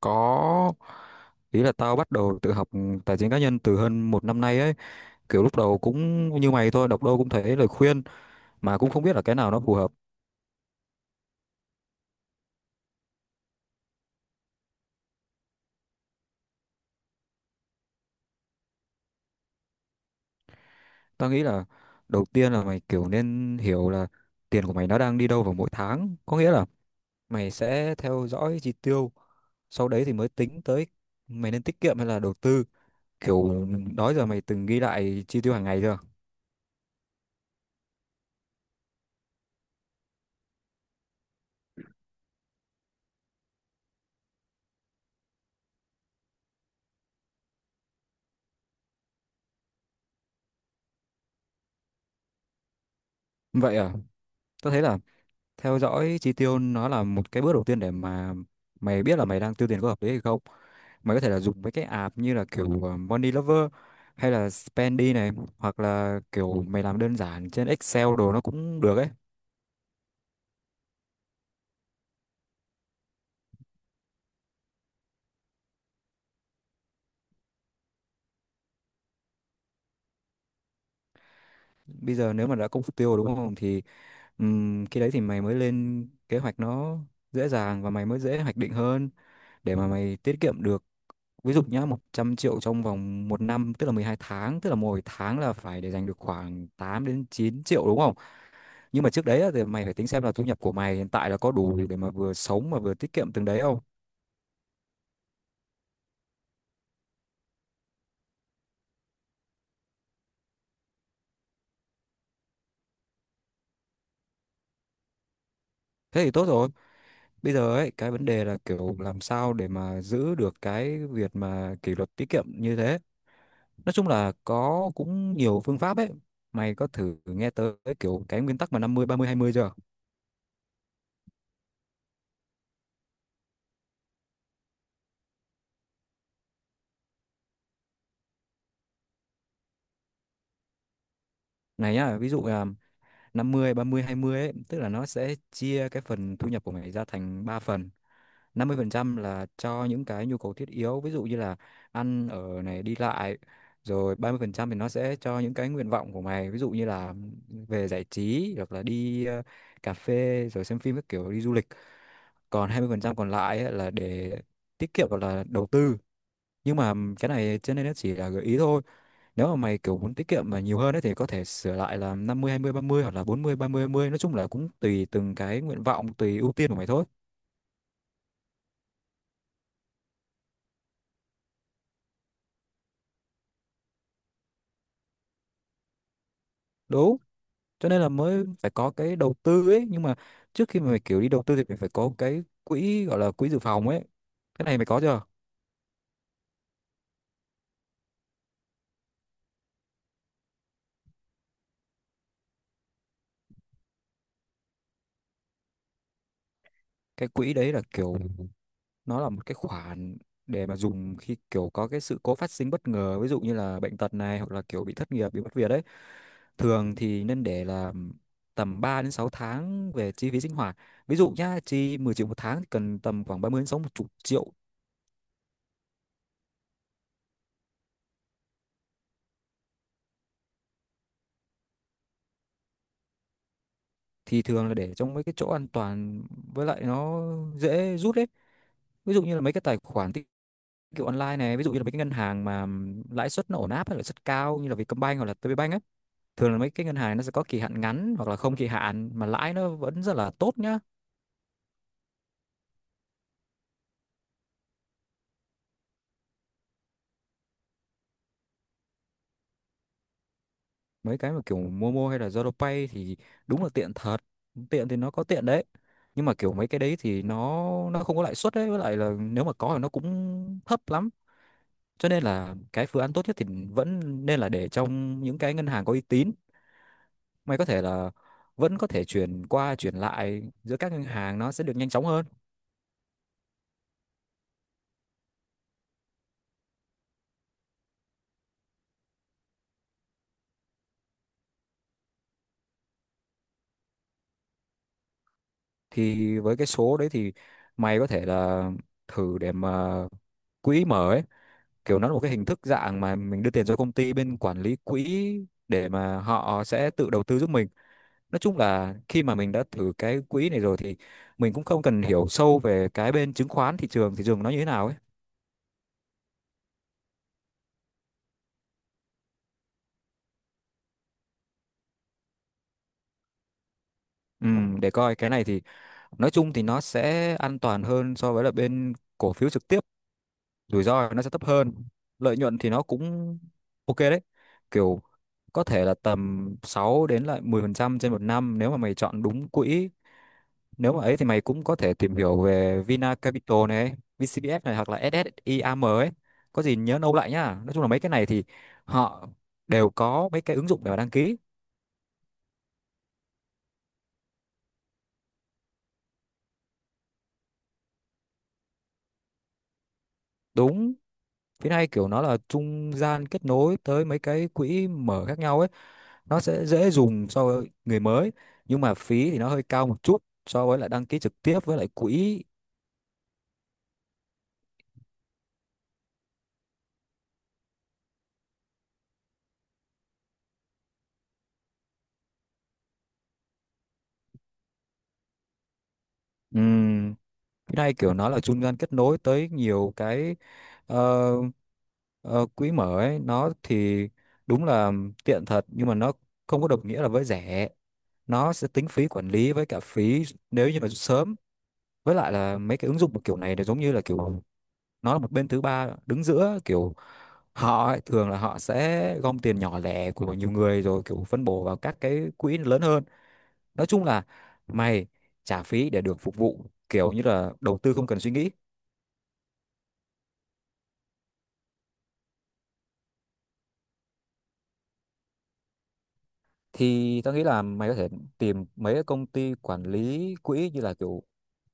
Có, ý là tao bắt đầu tự học tài chính cá nhân từ hơn một năm nay ấy. Kiểu lúc đầu cũng như mày thôi, đọc đâu cũng thấy lời khuyên mà cũng không biết là cái nào nó phù hợp. Tao nghĩ là đầu tiên là mày kiểu nên hiểu là tiền của mày nó đang đi đâu vào mỗi tháng, có nghĩa là mày sẽ theo dõi chi tiêu. Sau đấy thì mới tính tới mày nên tiết kiệm hay là đầu tư. Kiểu, đó giờ mày từng ghi lại chi tiêu hàng ngày chưa? Vậy à. Tao thấy là theo dõi chi tiêu nó là một cái bước đầu tiên để mà mày biết là mày đang tiêu tiền có hợp lý hay không. Mày có thể là dùng mấy cái app như là kiểu Money Lover hay là Spendy này, hoặc là kiểu mày làm đơn giản trên Excel đồ nó cũng được ấy. Bây giờ nếu mà đã công sức tiêu rồi đúng không thì khi đấy thì mày mới lên kế hoạch nó dễ dàng và mày mới dễ hoạch định hơn, để mà mày tiết kiệm được. Ví dụ nhá, 100 triệu trong vòng một năm tức là 12 tháng, tức là mỗi tháng là phải để dành được khoảng 8 đến 9 triệu, đúng không? Nhưng mà trước đấy á, thì mày phải tính xem là thu nhập của mày hiện tại là có đủ để mà vừa sống mà vừa tiết kiệm từng đấy không. Thế thì tốt rồi. Bây giờ ấy cái vấn đề là kiểu làm sao để mà giữ được cái việc mà kỷ luật tiết kiệm như thế. Nói chung là có cũng nhiều phương pháp ấy. Mày có thử nghe tới kiểu cái nguyên tắc mà 50 30 20 chưa? Này nhá, ví dụ là 50 30 20 ấy, tức là nó sẽ chia cái phần thu nhập của mày ra thành 3 phần. 50% là cho những cái nhu cầu thiết yếu, ví dụ như là ăn ở này, đi lại. Rồi 30% thì nó sẽ cho những cái nguyện vọng của mày, ví dụ như là về giải trí hoặc là đi cà phê, rồi xem phim các kiểu, đi du lịch. Còn 20% còn lại ấy là để tiết kiệm hoặc là đầu tư. Nhưng mà cái này cho nên nó chỉ là gợi ý thôi. Nếu mà mày kiểu muốn tiết kiệm mà nhiều hơn ấy, thì có thể sửa lại là 50 20 30 hoặc là 40 30 20, nói chung là cũng tùy từng cái nguyện vọng, tùy ưu tiên của mày thôi. Đúng. Cho nên là mới phải có cái đầu tư ấy, nhưng mà trước khi mà mày kiểu đi đầu tư thì mày phải có cái quỹ gọi là quỹ dự phòng ấy. Cái này mày có chưa? Cái quỹ đấy là kiểu nó là một cái khoản để mà dùng khi kiểu có cái sự cố phát sinh bất ngờ, ví dụ như là bệnh tật này, hoặc là kiểu bị thất nghiệp, bị mất việc ấy. Thường thì nên để là tầm 3 đến 6 tháng về chi phí sinh hoạt. Ví dụ nhá, chi 10 triệu một tháng thì cần tầm khoảng 30 đến 60 triệu. Thì thường là để trong mấy cái chỗ an toàn, với lại nó dễ rút ấy. Ví dụ như là mấy cái tài khoản tiết kiệm online này, ví dụ như là mấy cái ngân hàng mà lãi suất nó ổn áp hay lãi suất cao như là Vietcombank hoặc là TPBank ấy. Thường là mấy cái ngân hàng nó sẽ có kỳ hạn ngắn hoặc là không kỳ hạn mà lãi nó vẫn rất là tốt nhá. Mấy cái mà kiểu Momo hay là ZaloPay thì đúng là tiện thật, tiện thì nó có tiện đấy, nhưng mà kiểu mấy cái đấy thì nó không có lãi suất đấy, với lại là nếu mà có thì nó cũng thấp lắm. Cho nên là cái phương án tốt nhất thì vẫn nên là để trong những cái ngân hàng có uy tín. Mày có thể là vẫn có thể chuyển qua chuyển lại giữa các ngân hàng, nó sẽ được nhanh chóng hơn. Thì với cái số đấy thì mày có thể là thử để mà quỹ mở ấy, kiểu nó là một cái hình thức dạng mà mình đưa tiền cho công ty bên quản lý quỹ để mà họ sẽ tự đầu tư giúp mình. Nói chung là khi mà mình đã thử cái quỹ này rồi thì mình cũng không cần hiểu sâu về cái bên chứng khoán, thị trường nó như thế nào ấy. Ừ, để coi cái này thì nói chung thì nó sẽ an toàn hơn so với là bên cổ phiếu trực tiếp, rủi ro nó sẽ thấp hơn, lợi nhuận thì nó cũng ok đấy. Kiểu có thể là tầm 6 đến lại 10% trên một năm nếu mà mày chọn đúng quỹ. Nếu mà ấy thì mày cũng có thể tìm hiểu về Vina Capital này, VCBF này, hoặc là SSIAM ấy. Có gì nhớ nâu lại nhá, nói chung là mấy cái này thì họ đều có mấy cái ứng dụng để mà đăng ký. Đúng. Phía này kiểu nó là trung gian kết nối tới mấy cái quỹ mở khác nhau ấy, nó sẽ dễ dùng so với người mới, nhưng mà phí thì nó hơi cao một chút so với lại đăng ký trực tiếp với lại quỹ. Ừm, cái này kiểu nó là trung gian kết nối tới nhiều cái ờ, ờ, quỹ mở ấy, nó thì đúng là tiện thật nhưng mà nó không có đồng nghĩa là với rẻ. Nó sẽ tính phí quản lý với cả phí nếu như mà sớm. Với lại là mấy cái ứng dụng mà kiểu này nó giống như là kiểu nó là một bên thứ ba đứng giữa, kiểu họ ấy, thường là họ sẽ gom tiền nhỏ lẻ của nhiều người rồi kiểu phân bổ vào các cái quỹ lớn hơn. Nói chung là mày trả phí để được phục vụ kiểu như là đầu tư không cần suy nghĩ. Thì tao nghĩ là mày có thể tìm mấy cái công ty quản lý quỹ như là kiểu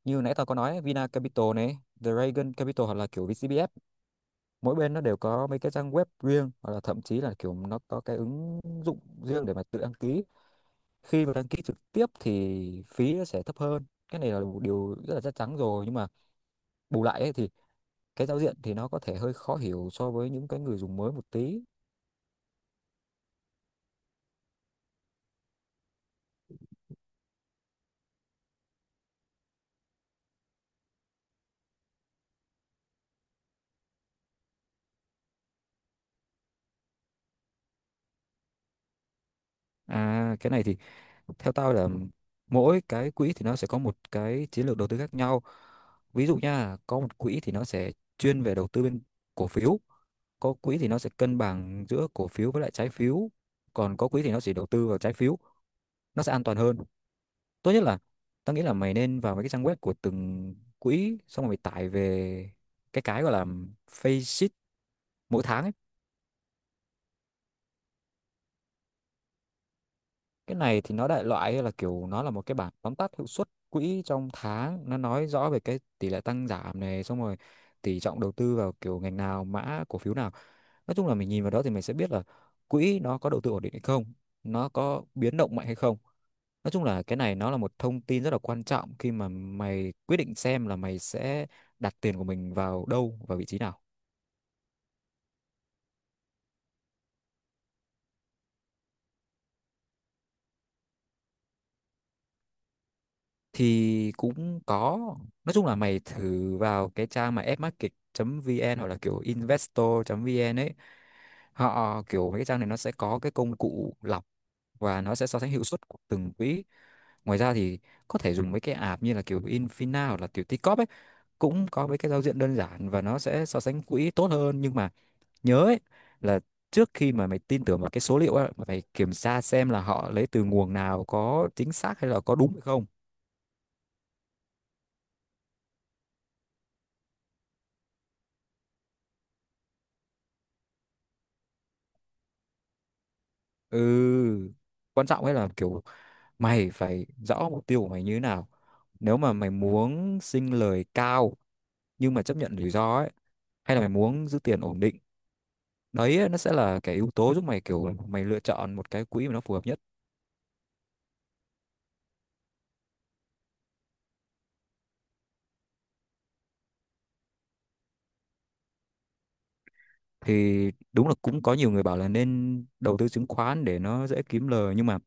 như nãy tao có nói, Vina Capital này, The Dragon Capital, hoặc là kiểu VCBF. Mỗi bên nó đều có mấy cái trang web riêng, hoặc là thậm chí là kiểu nó có cái ứng dụng riêng để mà tự đăng ký. Khi mà đăng ký trực tiếp thì phí nó sẽ thấp hơn, cái này là một điều rất là chắc chắn rồi, nhưng mà bù lại ấy, thì cái giao diện thì nó có thể hơi khó hiểu so với những cái người dùng mới một tí. À, cái này thì theo tao là mỗi cái quỹ thì nó sẽ có một cái chiến lược đầu tư khác nhau. Ví dụ nha, có một quỹ thì nó sẽ chuyên về đầu tư bên cổ phiếu, có quỹ thì nó sẽ cân bằng giữa cổ phiếu với lại trái phiếu, còn có quỹ thì nó chỉ đầu tư vào trái phiếu, nó sẽ an toàn hơn. Tốt nhất là tao nghĩ là mày nên vào mấy cái trang web của từng quỹ xong rồi mày tải về cái gọi là face sheet mỗi tháng ấy. Cái này thì nó đại loại là kiểu nó là một cái bảng tóm tắt hiệu suất quỹ trong tháng, nó nói rõ về cái tỷ lệ tăng giảm này, xong rồi tỷ trọng đầu tư vào kiểu ngành nào, mã cổ phiếu nào. Nói chung là mình nhìn vào đó thì mình sẽ biết là quỹ nó có đầu tư ổn định hay không, nó có biến động mạnh hay không. Nói chung là cái này nó là một thông tin rất là quan trọng khi mà mày quyết định xem là mày sẽ đặt tiền của mình vào đâu và vị trí nào. Thì cũng có, nói chung là mày thử vào cái trang mà fmarket.vn hoặc là kiểu investor.vn ấy, họ kiểu mấy cái trang này nó sẽ có cái công cụ lọc và nó sẽ so sánh hiệu suất của từng quỹ. Ngoài ra thì có thể dùng mấy cái app như là kiểu Infina hoặc là kiểu Tikop ấy, cũng có mấy cái giao diện đơn giản và nó sẽ so sánh quỹ tốt hơn, nhưng mà nhớ ấy, là trước khi mà mày tin tưởng vào cái số liệu á, mày phải kiểm tra xem là họ lấy từ nguồn nào, có chính xác hay là có đúng hay không. Ừ, quan trọng ấy là kiểu mày phải rõ mục tiêu của mày như thế nào. Nếu mà mày muốn sinh lời cao nhưng mà chấp nhận rủi ro ấy, hay là mày muốn giữ tiền ổn định, đấy ấy, nó sẽ là cái yếu tố giúp mày kiểu mày lựa chọn một cái quỹ mà nó phù hợp nhất. Thì đúng là cũng có nhiều người bảo là nên đầu tư chứng khoán để nó dễ kiếm lời, nhưng mà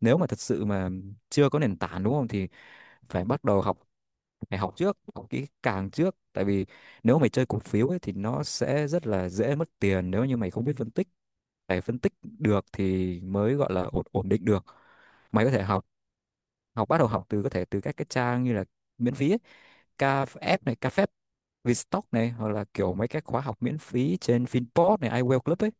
nếu mà thật sự mà chưa có nền tảng đúng không thì phải bắt đầu học, phải học trước, học kỹ càng trước, tại vì nếu mày chơi cổ phiếu ấy thì nó sẽ rất là dễ mất tiền nếu như mày không biết phân tích, phải phân tích được thì mới gọi là ổn ổn định được. Mày có thể học, học bắt đầu học từ có thể từ các cái trang như là miễn phí ấy, KF này, KFF, Vstock này, hoặc là kiểu mấy cái khóa học miễn phí trên Finpod này, iWell Club ấy,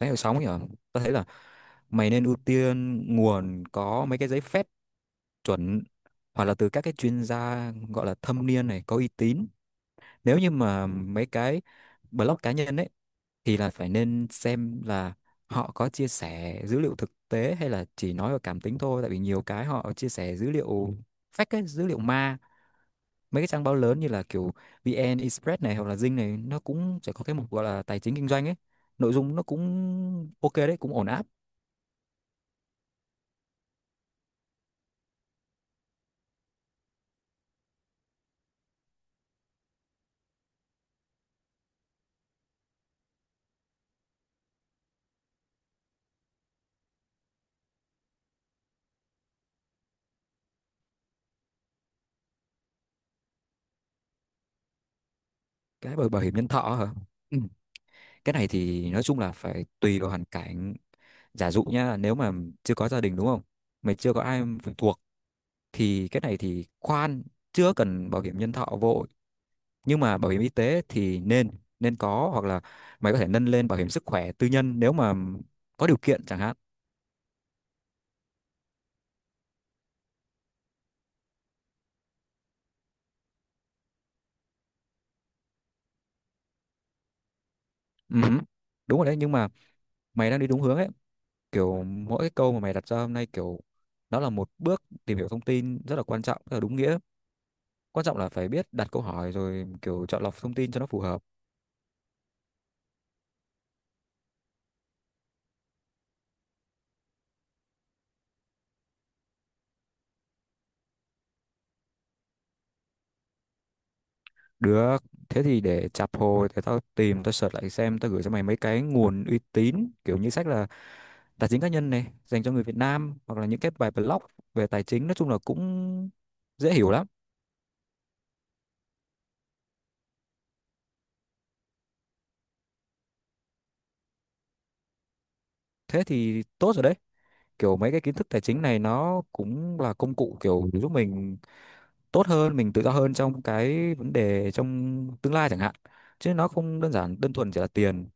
đấy đầu sóng nhở hả? Tao thấy là mày nên ưu tiên nguồn có mấy cái giấy phép chuẩn, hoặc là từ các cái chuyên gia gọi là thâm niên này, có uy tín. Nếu như mà mấy cái blog cá nhân ấy thì là phải nên xem là họ có chia sẻ dữ liệu thực tế hay là chỉ nói vào cảm tính thôi, tại vì nhiều cái họ chia sẻ dữ liệu fake ấy, dữ liệu ma. Mấy cái trang báo lớn như là kiểu VN Express này hoặc là Dinh này nó cũng sẽ có cái mục gọi là tài chính kinh doanh ấy, nội dung nó cũng ok đấy, cũng ổn áp. Cái bảo bảo hiểm nhân thọ hả? Ừ. Cái này thì nói chung là phải tùy vào hoàn cảnh. Giả dụ nhá, nếu mà chưa có gia đình đúng không, mày chưa có ai phụ thuộc, thì cái này thì khoan, chưa cần bảo hiểm nhân thọ vội. Nhưng mà bảo hiểm y tế thì nên nên có, hoặc là mày có thể nâng lên bảo hiểm sức khỏe tư nhân nếu mà có điều kiện chẳng hạn. Ừ, đúng rồi đấy, nhưng mà mày đang đi đúng hướng ấy, kiểu mỗi cái câu mà mày đặt ra hôm nay kiểu nó là một bước tìm hiểu thông tin rất là quan trọng, rất là đúng nghĩa. Quan trọng là phải biết đặt câu hỏi, rồi kiểu chọn lọc thông tin cho nó phù hợp. Được, thế thì để chạp hồi thì tao tìm, tao search lại xem, tao gửi cho mày mấy cái nguồn uy tín kiểu như sách là tài chính cá nhân này dành cho người Việt Nam, hoặc là những cái bài blog về tài chính, nói chung là cũng dễ hiểu lắm. Thế thì tốt rồi đấy. Kiểu mấy cái kiến thức tài chính này nó cũng là công cụ kiểu giúp mình tốt hơn, mình tự do hơn trong cái vấn đề trong tương lai chẳng hạn. Chứ nó không đơn giản đơn thuần chỉ là tiền.